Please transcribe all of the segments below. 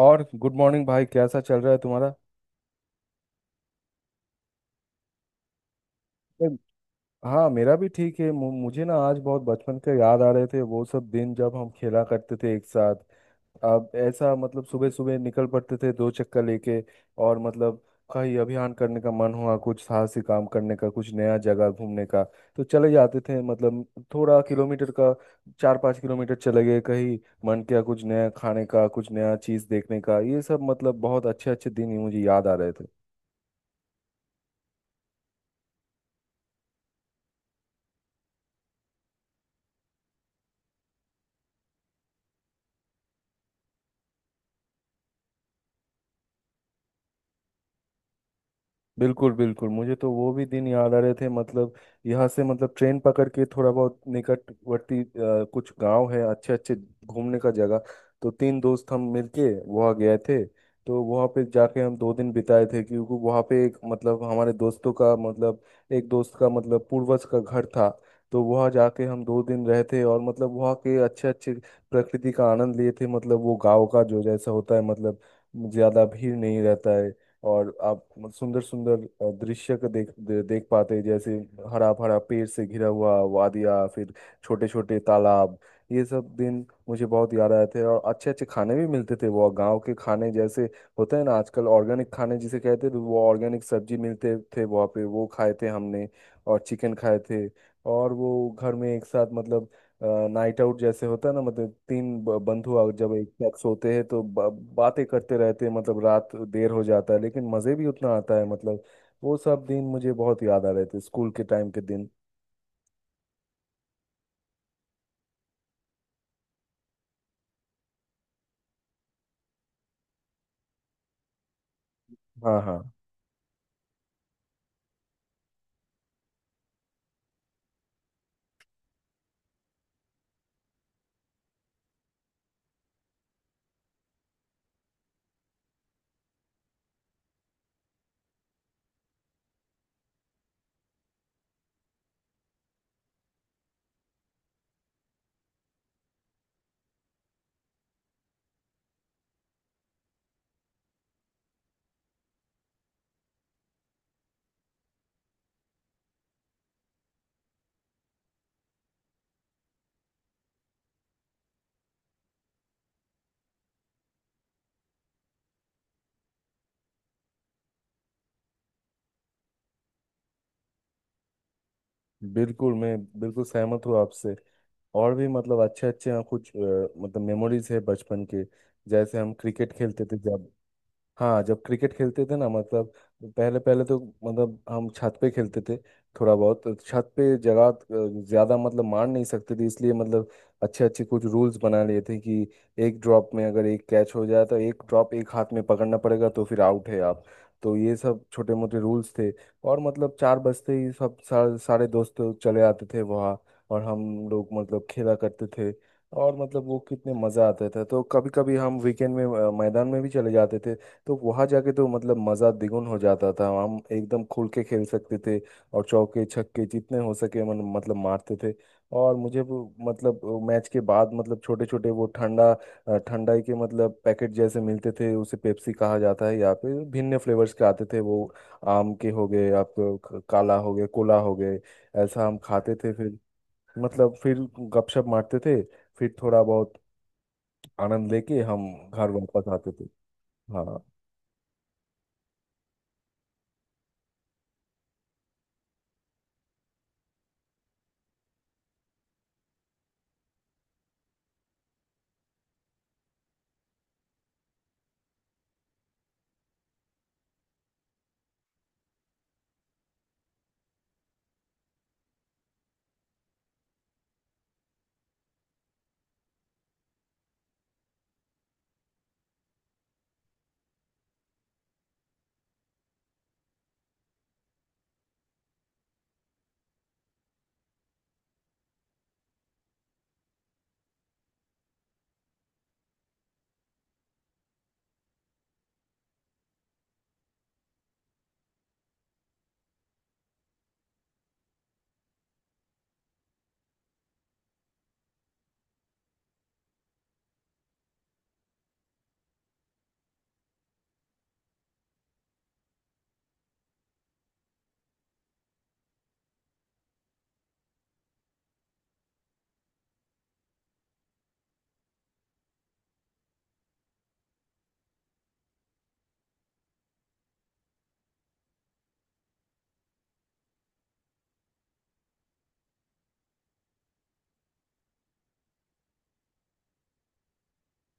और good morning भाई, कैसा चल रहा है तुम्हारा? हम्म। हाँ, मेरा भी ठीक है। मुझे ना, आज बहुत बचपन के याद आ रहे थे, वो सब दिन जब हम खेला करते थे एक साथ। अब ऐसा, मतलब सुबह सुबह निकल पड़ते थे, दो चक्कर लेके। और मतलब कहीं अभियान करने का मन हुआ, कुछ साहसी काम करने का, कुछ नया जगह घूमने का, तो चले जाते थे मतलब। थोड़ा किलोमीटर का, चार पाँच किलोमीटर चले गए कहीं। मन किया कुछ नया खाने का, कुछ नया चीज़ देखने का। ये सब मतलब बहुत अच्छे अच्छे दिन ही मुझे याद आ रहे थे। बिल्कुल बिल्कुल, मुझे तो वो भी दिन याद आ रहे थे मतलब। यहाँ से मतलब ट्रेन पकड़ के थोड़ा बहुत निकटवर्ती कुछ गांव है अच्छे अच्छे, घूमने का जगह। तो तीन दोस्त हम मिलके वहाँ गए थे। तो वहाँ पे जाके हम दो दिन बिताए थे, क्योंकि वहाँ पे एक मतलब हमारे दोस्तों का मतलब एक दोस्त का मतलब पूर्वज का घर था। तो वहाँ जाके हम दो दिन रहे थे, और मतलब वहाँ के अच्छे अच्छे प्रकृति का आनंद लिए थे। मतलब वो गांव का जो जैसा होता है मतलब, ज्यादा भीड़ नहीं रहता है और आप सुंदर सुंदर दृश्य को देख पाते हैं, जैसे हरा भरा पेड़ से घिरा हुआ वादिया, फिर छोटे छोटे तालाब। ये सब दिन मुझे बहुत याद आए थे। और अच्छे अच्छे खाने भी मिलते थे, वो गांव के खाने जैसे होते हैं ना आजकल ऑर्गेनिक खाने जिसे कहते हैं, तो वो ऑर्गेनिक सब्जी मिलते थे वहाँ पे, वो खाए थे हमने। और चिकन खाए थे। और वो घर में एक साथ मतलब नाइट आउट जैसे होता है ना, मतलब तीन बंधु जब एक साथ सोते हैं तो बातें करते रहते हैं, मतलब रात देर हो जाता है लेकिन मज़े भी उतना आता है मतलब। वो सब दिन मुझे बहुत याद आ रहे थे, स्कूल के टाइम के दिन। हाँ, हाँ। बिल्कुल, मैं बिल्कुल सहमत हूँ आपसे। और भी मतलब अच्छे अच्छे कुछ मतलब मेमोरीज है बचपन के, जैसे हम क्रिकेट खेलते थे जब। हाँ, जब क्रिकेट खेलते थे ना मतलब पहले पहले तो, मतलब हम छत पे खेलते थे। थोड़ा बहुत तो छत पे जगह ज्यादा मतलब मार नहीं सकते थे, इसलिए मतलब अच्छे अच्छे कुछ रूल्स बना लिए थे कि एक ड्रॉप में अगर एक कैच हो जाए तो एक ड्रॉप एक हाथ में पकड़ना पड़ेगा, तो फिर आउट है आप। तो ये सब छोटे मोटे रूल्स थे। और मतलब चार बजते ही सब सारे सारे दोस्त चले आते थे वहाँ, और हम लोग मतलब खेला करते थे। और मतलब वो कितने मजा आता था। तो कभी कभी हम वीकेंड में मैदान में भी चले जाते थे। तो वहां जाके तो मतलब मजा द्विगुन हो जाता था, हम एकदम खुल के खेल सकते थे और चौके छक्के जितने हो सके मन मतलब मारते थे। और मुझे वो मतलब मैच के बाद मतलब छोटे छोटे वो ठंडाई के मतलब पैकेट जैसे मिलते थे, उसे पेप्सी कहा जाता है यहाँ पे। भिन्न फ्लेवर्स के आते थे वो, आम के हो गए, आपको काला हो गए, कोला हो गए। ऐसा हम खाते थे। फिर मतलब फिर गपशप मारते थे। फिर थोड़ा बहुत आनंद लेके हम घर वापस आते थे। हाँ।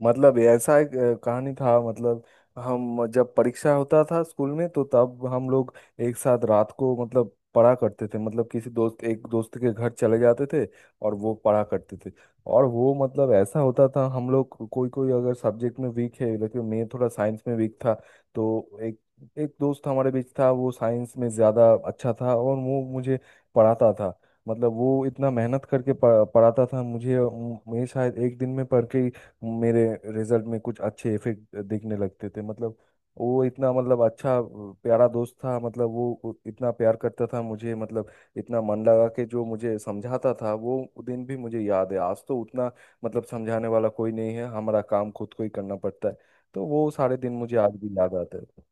मतलब ऐसा एक कहानी था, मतलब हम जब परीक्षा होता था स्कूल में तो तब हम लोग एक साथ रात को मतलब पढ़ा करते थे। मतलब किसी दोस्त एक दोस्त के घर चले जाते थे और वो पढ़ा करते थे। और वो मतलब ऐसा होता था हम लोग कोई कोई अगर सब्जेक्ट में वीक है, लेकिन मैं थोड़ा साइंस में वीक था। तो एक, एक दोस्त हमारे बीच था, वो साइंस में ज़्यादा अच्छा था और वो मुझे पढ़ाता था। मतलब वो इतना मेहनत करके पढ़ाता था मुझे। मैं शायद एक दिन में पढ़ के ही मेरे रिजल्ट में कुछ अच्छे इफेक्ट दिखने लगते थे। मतलब वो इतना मतलब अच्छा प्यारा दोस्त था, मतलब वो इतना प्यार करता था मुझे, मतलब इतना मन लगा के जो मुझे समझाता था। वो दिन भी मुझे याद है। आज तो उतना मतलब समझाने वाला कोई नहीं है, हमारा काम खुद को ही करना पड़ता है। तो वो सारे दिन मुझे आज भी याद आते हैं।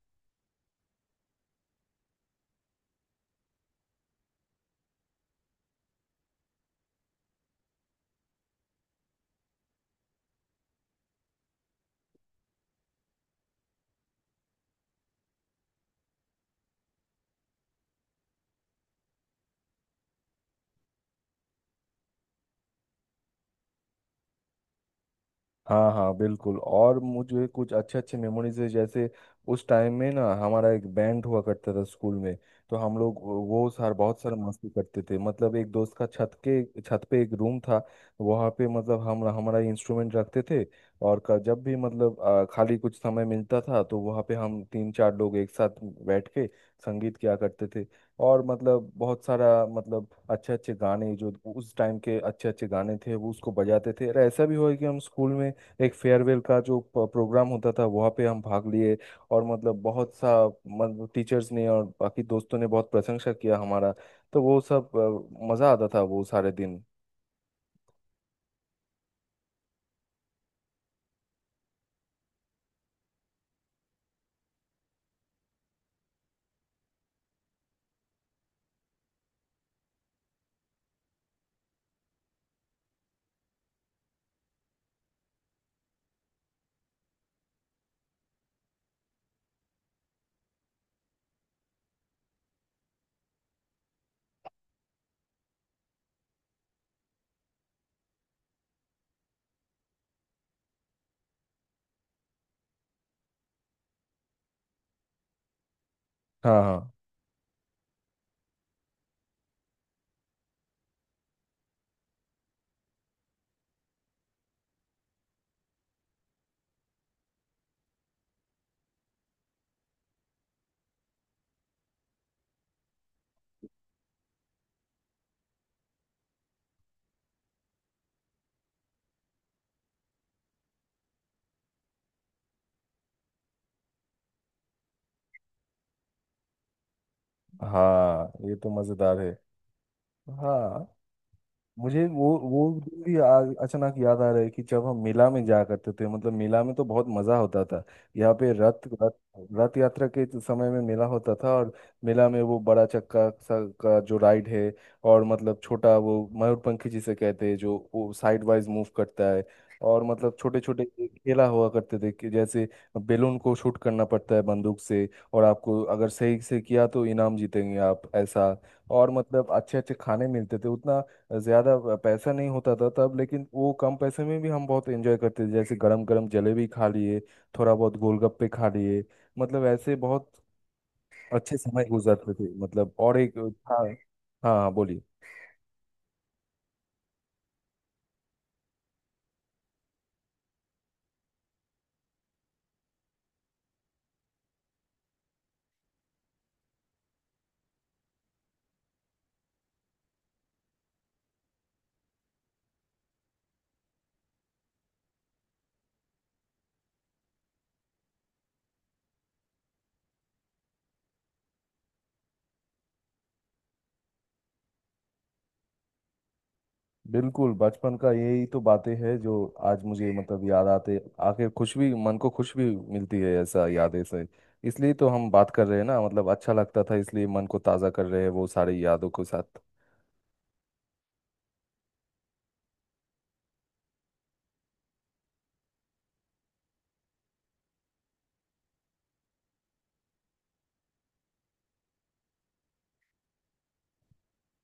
हाँ, हाँ, बिल्कुल। और मुझे कुछ अच्छे अच्छे मेमोरीज है जैसे उस टाइम में ना हमारा एक बैंड हुआ करता था स्कूल में। तो हम लोग वो सार बहुत सारा मस्ती करते थे मतलब। एक दोस्त का छत के छत पे एक रूम था, वहाँ पे मतलब हम हमारा इंस्ट्रूमेंट रखते थे। और जब भी मतलब खाली कुछ समय मिलता था तो वहाँ पे हम तीन चार लोग एक साथ बैठ के संगीत किया करते थे। और मतलब बहुत सारा मतलब अच्छे अच्छे गाने जो उस टाइम के अच्छे अच्छे गाने थे, वो उसको बजाते थे। और ऐसा भी हुआ है कि हम स्कूल में एक फेयरवेल का जो प्रोग्राम होता था, वहाँ पे हम भाग लिए। और मतलब बहुत सा मतलब टीचर्स ने और बाकी दोस्तों ने बहुत प्रशंसा किया हमारा। तो वो सब मज़ा आता था, वो सारे दिन। हाँ, हाँ, हाँ, ये तो मज़ेदार है। हाँ। मुझे वो दिन भी अचानक याद आ रहा है कि जब हम मेला में जाया करते थे। मतलब मेला में तो बहुत मजा होता था। यहाँ पे रथ रथ रथ यात्रा के समय में मेला होता था, और मेला में वो बड़ा चक्का सा का जो राइड है, और मतलब छोटा वो मयूरपंखी जिसे कहते हैं जो वो साइड वाइज मूव करता है। और मतलब छोटे छोटे खेला हुआ करते थे, कि जैसे बेलून को शूट करना पड़ता है बंदूक से, और आपको अगर सही से किया तो इनाम जीतेंगे आप, ऐसा। और मतलब अच्छे अच्छे खाने मिलते थे। उतना ज़्यादा पैसा नहीं होता था तब, लेकिन वो कम पैसे में भी हम बहुत एंजॉय करते थे, जैसे गरम गरम जलेबी खा लिए, थोड़ा बहुत गोलगप्पे खा लिए। मतलब ऐसे बहुत अच्छे समय गुजारते थे मतलब। और एक था। हाँ, हाँ, बोलिए। बिल्कुल, बचपन का यही तो बातें हैं जो आज मुझे मतलब याद आते, आके खुश भी, मन को खुश भी मिलती है ऐसा यादें से। इसलिए तो हम बात कर रहे हैं ना, मतलब अच्छा लगता था इसलिए मन को ताज़ा कर रहे हैं वो सारी यादों के साथ।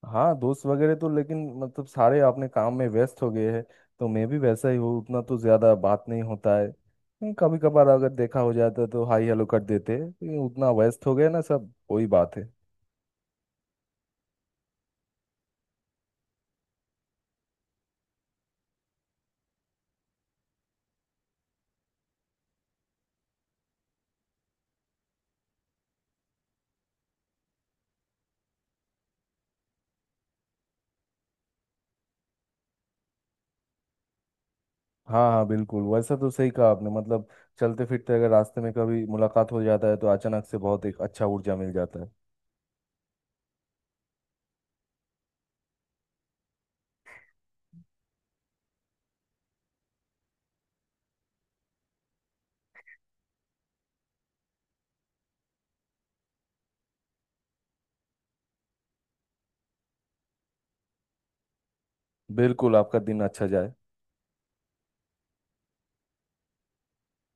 हाँ, दोस्त वगैरह तो, लेकिन मतलब सारे अपने काम में व्यस्त हो गए हैं। तो मैं भी वैसा ही हूँ, उतना तो ज्यादा बात नहीं होता है। नहीं, कभी कभार अगर देखा हो जाता तो हाई हेलो कर देते हैं, लेकिन उतना व्यस्त हो गए ना सब, वही बात है। हाँ, हाँ, बिल्कुल। वैसा तो सही कहा आपने, मतलब चलते फिरते अगर रास्ते में कभी मुलाकात हो जाता है तो अचानक से बहुत एक अच्छा ऊर्जा मिल जाता है। बिल्कुल, आपका दिन अच्छा जाए।